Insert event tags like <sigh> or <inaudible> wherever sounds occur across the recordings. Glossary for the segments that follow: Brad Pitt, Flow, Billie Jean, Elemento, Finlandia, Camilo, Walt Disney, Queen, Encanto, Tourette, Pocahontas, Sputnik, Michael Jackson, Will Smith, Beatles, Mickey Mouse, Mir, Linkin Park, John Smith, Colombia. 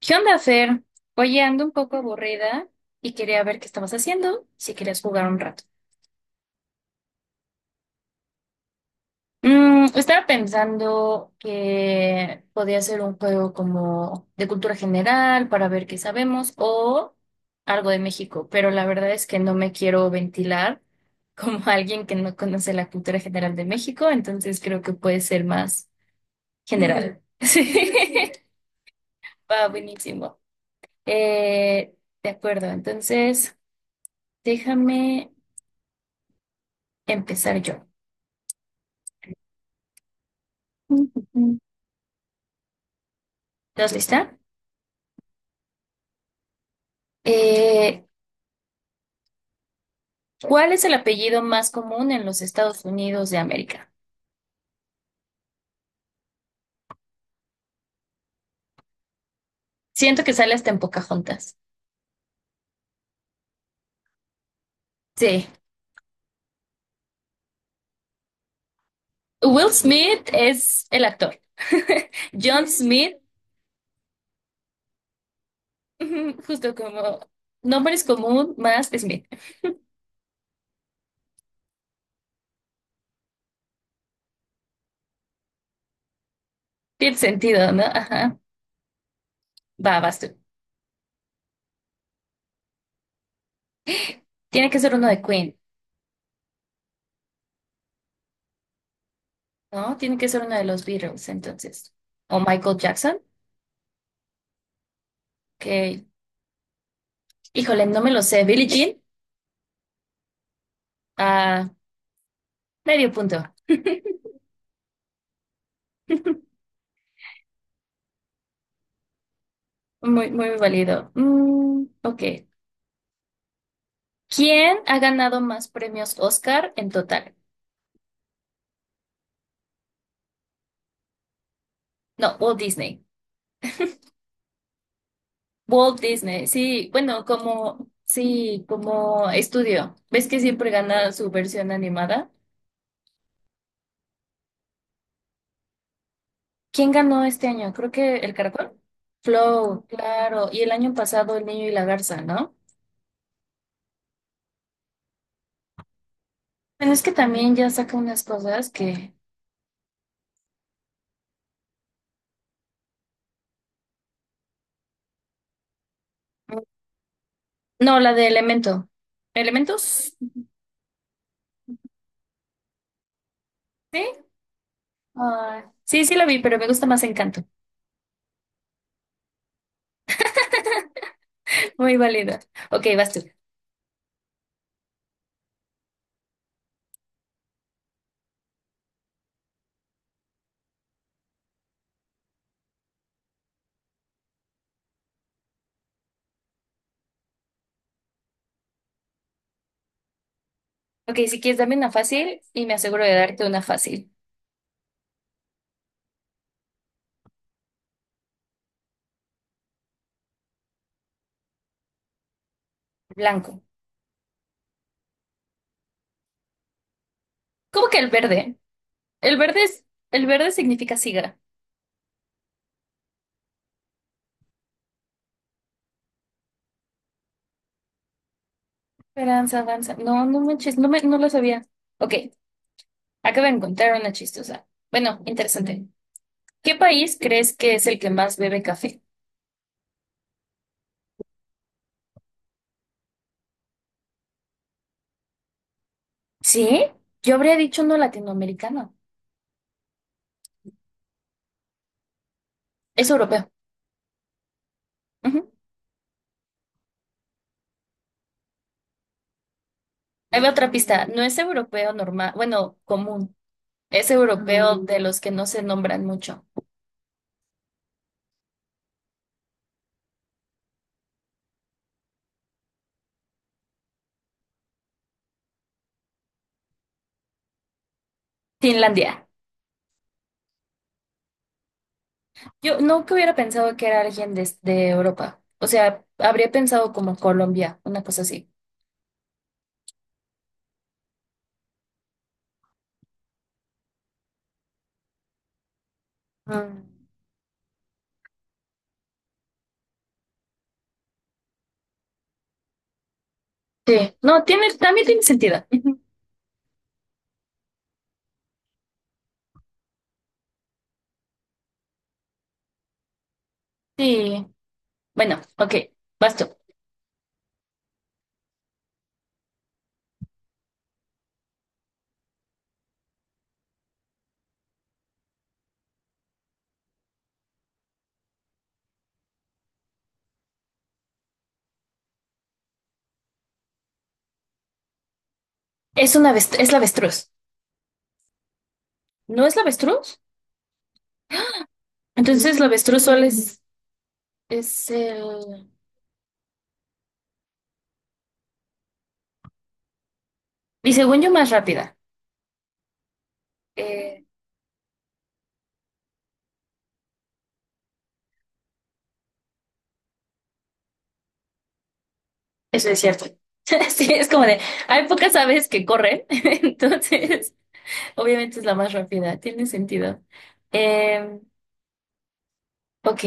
¿Qué onda, Fer? Oye, ando un poco aburrida y quería ver qué estabas haciendo, si querías jugar un rato. Estaba pensando que podía ser un juego como de cultura general para ver qué sabemos o algo de México, pero la verdad es que no me quiero ventilar como <laughs> alguien que no conoce la cultura general de México, entonces creo que puede ser más general. <laughs> Sí, va buenísimo. Eh, de acuerdo, entonces déjame empezar yo. ¿Estás lista? Eh, ¿Cuál es el apellido más común en los Estados Unidos de América? Siento que sale hasta en Pocahontas. Sí. Will Smith es el actor. <laughs> John Smith, <laughs> justo como nombre es común más Smith. Tiene sentido, ¿no? Ajá. Va, vas tú. Tiene que ser uno de Queen, ¿no? Tiene que ser uno de los Beatles, entonces. O Michael Jackson, que, híjole, no me lo sé. Billie Jean, a medio punto. <laughs> Muy, muy válido. Ok. ¿Quién ha ganado más premios Oscar en total? No, Walt Disney. Walt Disney, sí, bueno, como, sí, como estudio. ¿Ves que siempre gana su versión animada? ¿Quién ganó este año? Creo que el caracol. Flow, claro. Y el año pasado el niño y la garza, ¿no? Bueno, es que también ya saca unas cosas que... No, la de Elemento. ¿Elementos? Sí. Ah, sí, sí la vi, pero me gusta más Encanto. Muy válida. Ok, vas tú. Ok, si quieres, dame una fácil y me aseguro de darte una fácil. Blanco. ¿Cómo que el verde? El verde es, el verde significa siga. Esperanza, danza. No, no manches, no lo sabía. Ok, acabo de encontrar una chistosa. Bueno, interesante. ¿Qué país crees que es el que más bebe café? ¿Sí? Yo habría dicho no latinoamericano. Es europeo. Ujú. Ahí va otra pista. No es europeo normal, bueno, común. Es europeo de los que no se nombran mucho. Finlandia. Yo nunca hubiera pensado que era alguien de Europa. O sea, habría pensado como Colombia, una cosa así. Ah. Sí, no, tiene, también tiene sentido. Ujú. Sí, bueno, ok, basta. Es la avestruz. ¿No es la avestruz? Entonces la avestruz solo es el... Y según yo, más rápida. Eh, Eso es cierto. <laughs> Sí, es como de, hay pocas aves que corren, <laughs> entonces obviamente es la más rápida, tiene sentido. Eh, ok,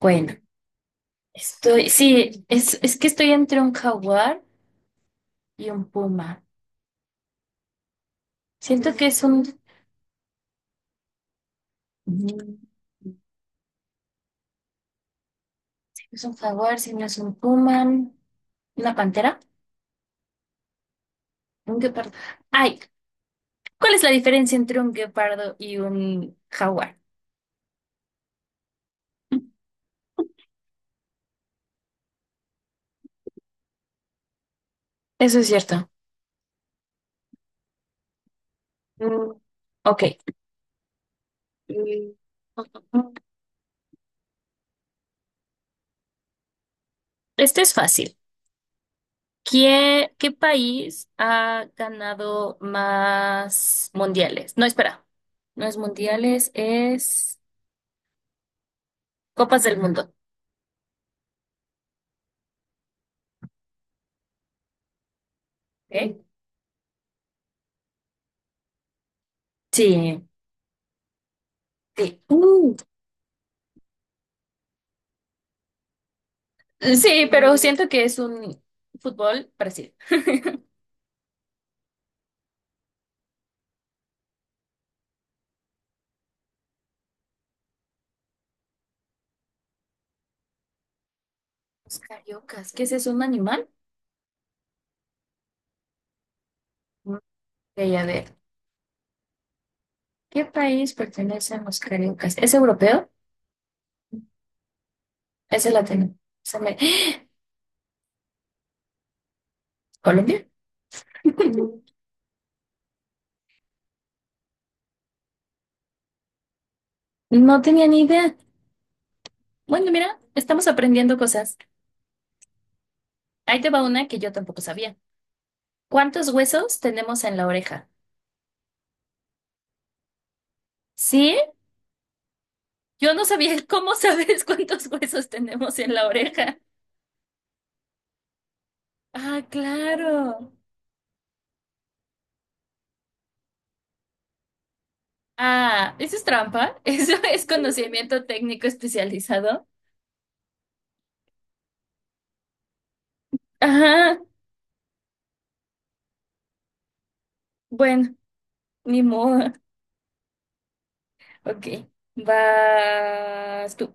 bueno. Es que estoy entre un jaguar y un puma. Siento que mm, es un jaguar, si no es un puma, una pantera, un guepardo. Ay, ¿cuál es la diferencia entre un guepardo y un jaguar? Eso es cierto. Mm, Ok. Mm, Este es fácil. ¿Qué país ha ganado más mundiales? No, espera. No es mundiales, es Copas del Mundo. ¿Ok? Sí, sí. Sí, pero siento que es un fútbol Brasil. Los cariocas, ¿qué es eso? ¿Un animal? Ok, a ver, ¿qué país pertenecen los cariocas? ¿Es europeo? ¿Es el latino? Se me- ¡Ah! ¿Colombia? <laughs> No tenía ni idea. Bueno, mira, estamos aprendiendo cosas. Ahí te va una que yo tampoco sabía. ¿Cuántos huesos tenemos en la oreja? ¿Sí? Yo no sabía <laughs> cómo sabes cuántos huesos tenemos en la oreja. Ah, claro. Ah, eso es trampa. <laughs> Eso es conocimiento técnico especializado. Ajá. Bueno, ni modo. Ok. Vas tú.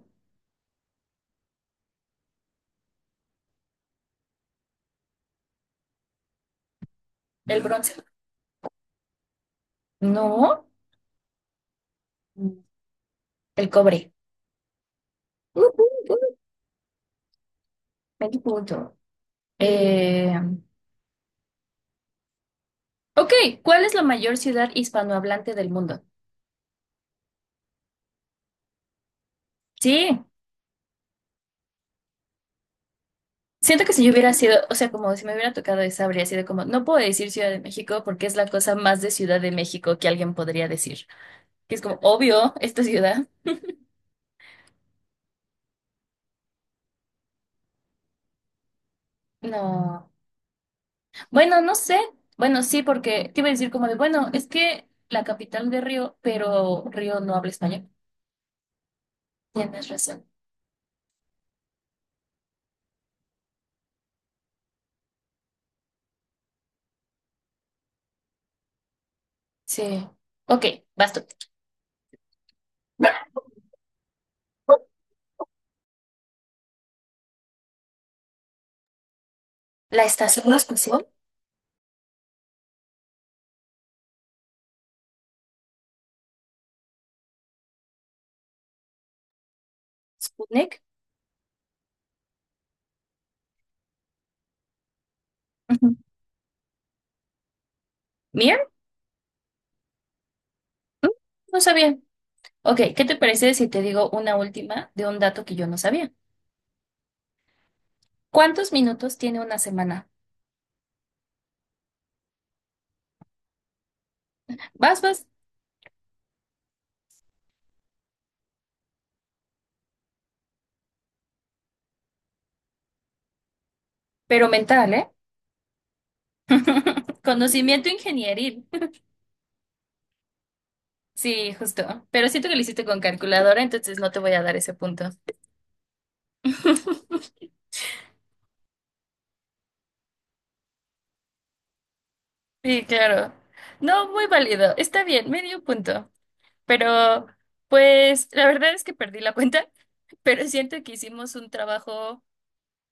El bronce. No. El cobre. Uh, uh, uh, 20 puntos. Eh, ok. ¿Cuál es la mayor ciudad hispanohablante del mundo? Sí. Siento que si yo hubiera sido, o sea, como si me hubiera tocado esa, habría sido como, no puedo decir Ciudad de México porque es la cosa más de Ciudad de México que alguien podría decir. Que es como, obvio, esta ciudad. No, bueno, no sé. Bueno, sí, porque te iba a decir como de, bueno, es que la capital de Río, pero Río no habla español. Tienes razón. Sí. Ok, basta. La estación de estación, Sputnik. Ujú. ¿Mir? Mm, No sabía. Ok, ¿qué te parece si te digo una última de un dato que yo no sabía? ¿Cuántos minutos tiene una semana? Vas, pero mental, ¿eh? <laughs> Conocimiento ingenieril. Sí, justo. Pero siento que lo hiciste con calculadora, entonces no te voy a dar ese punto. Sí, claro. No, muy válido. Está bien, medio punto. Pero, pues, la verdad es que perdí la cuenta, <laughs> pero siento que hicimos un trabajo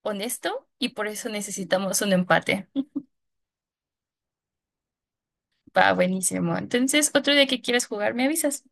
honesto y por eso necesitamos un empate. Va, buenísimo. Entonces, otro día que quieras jugar, me avisas.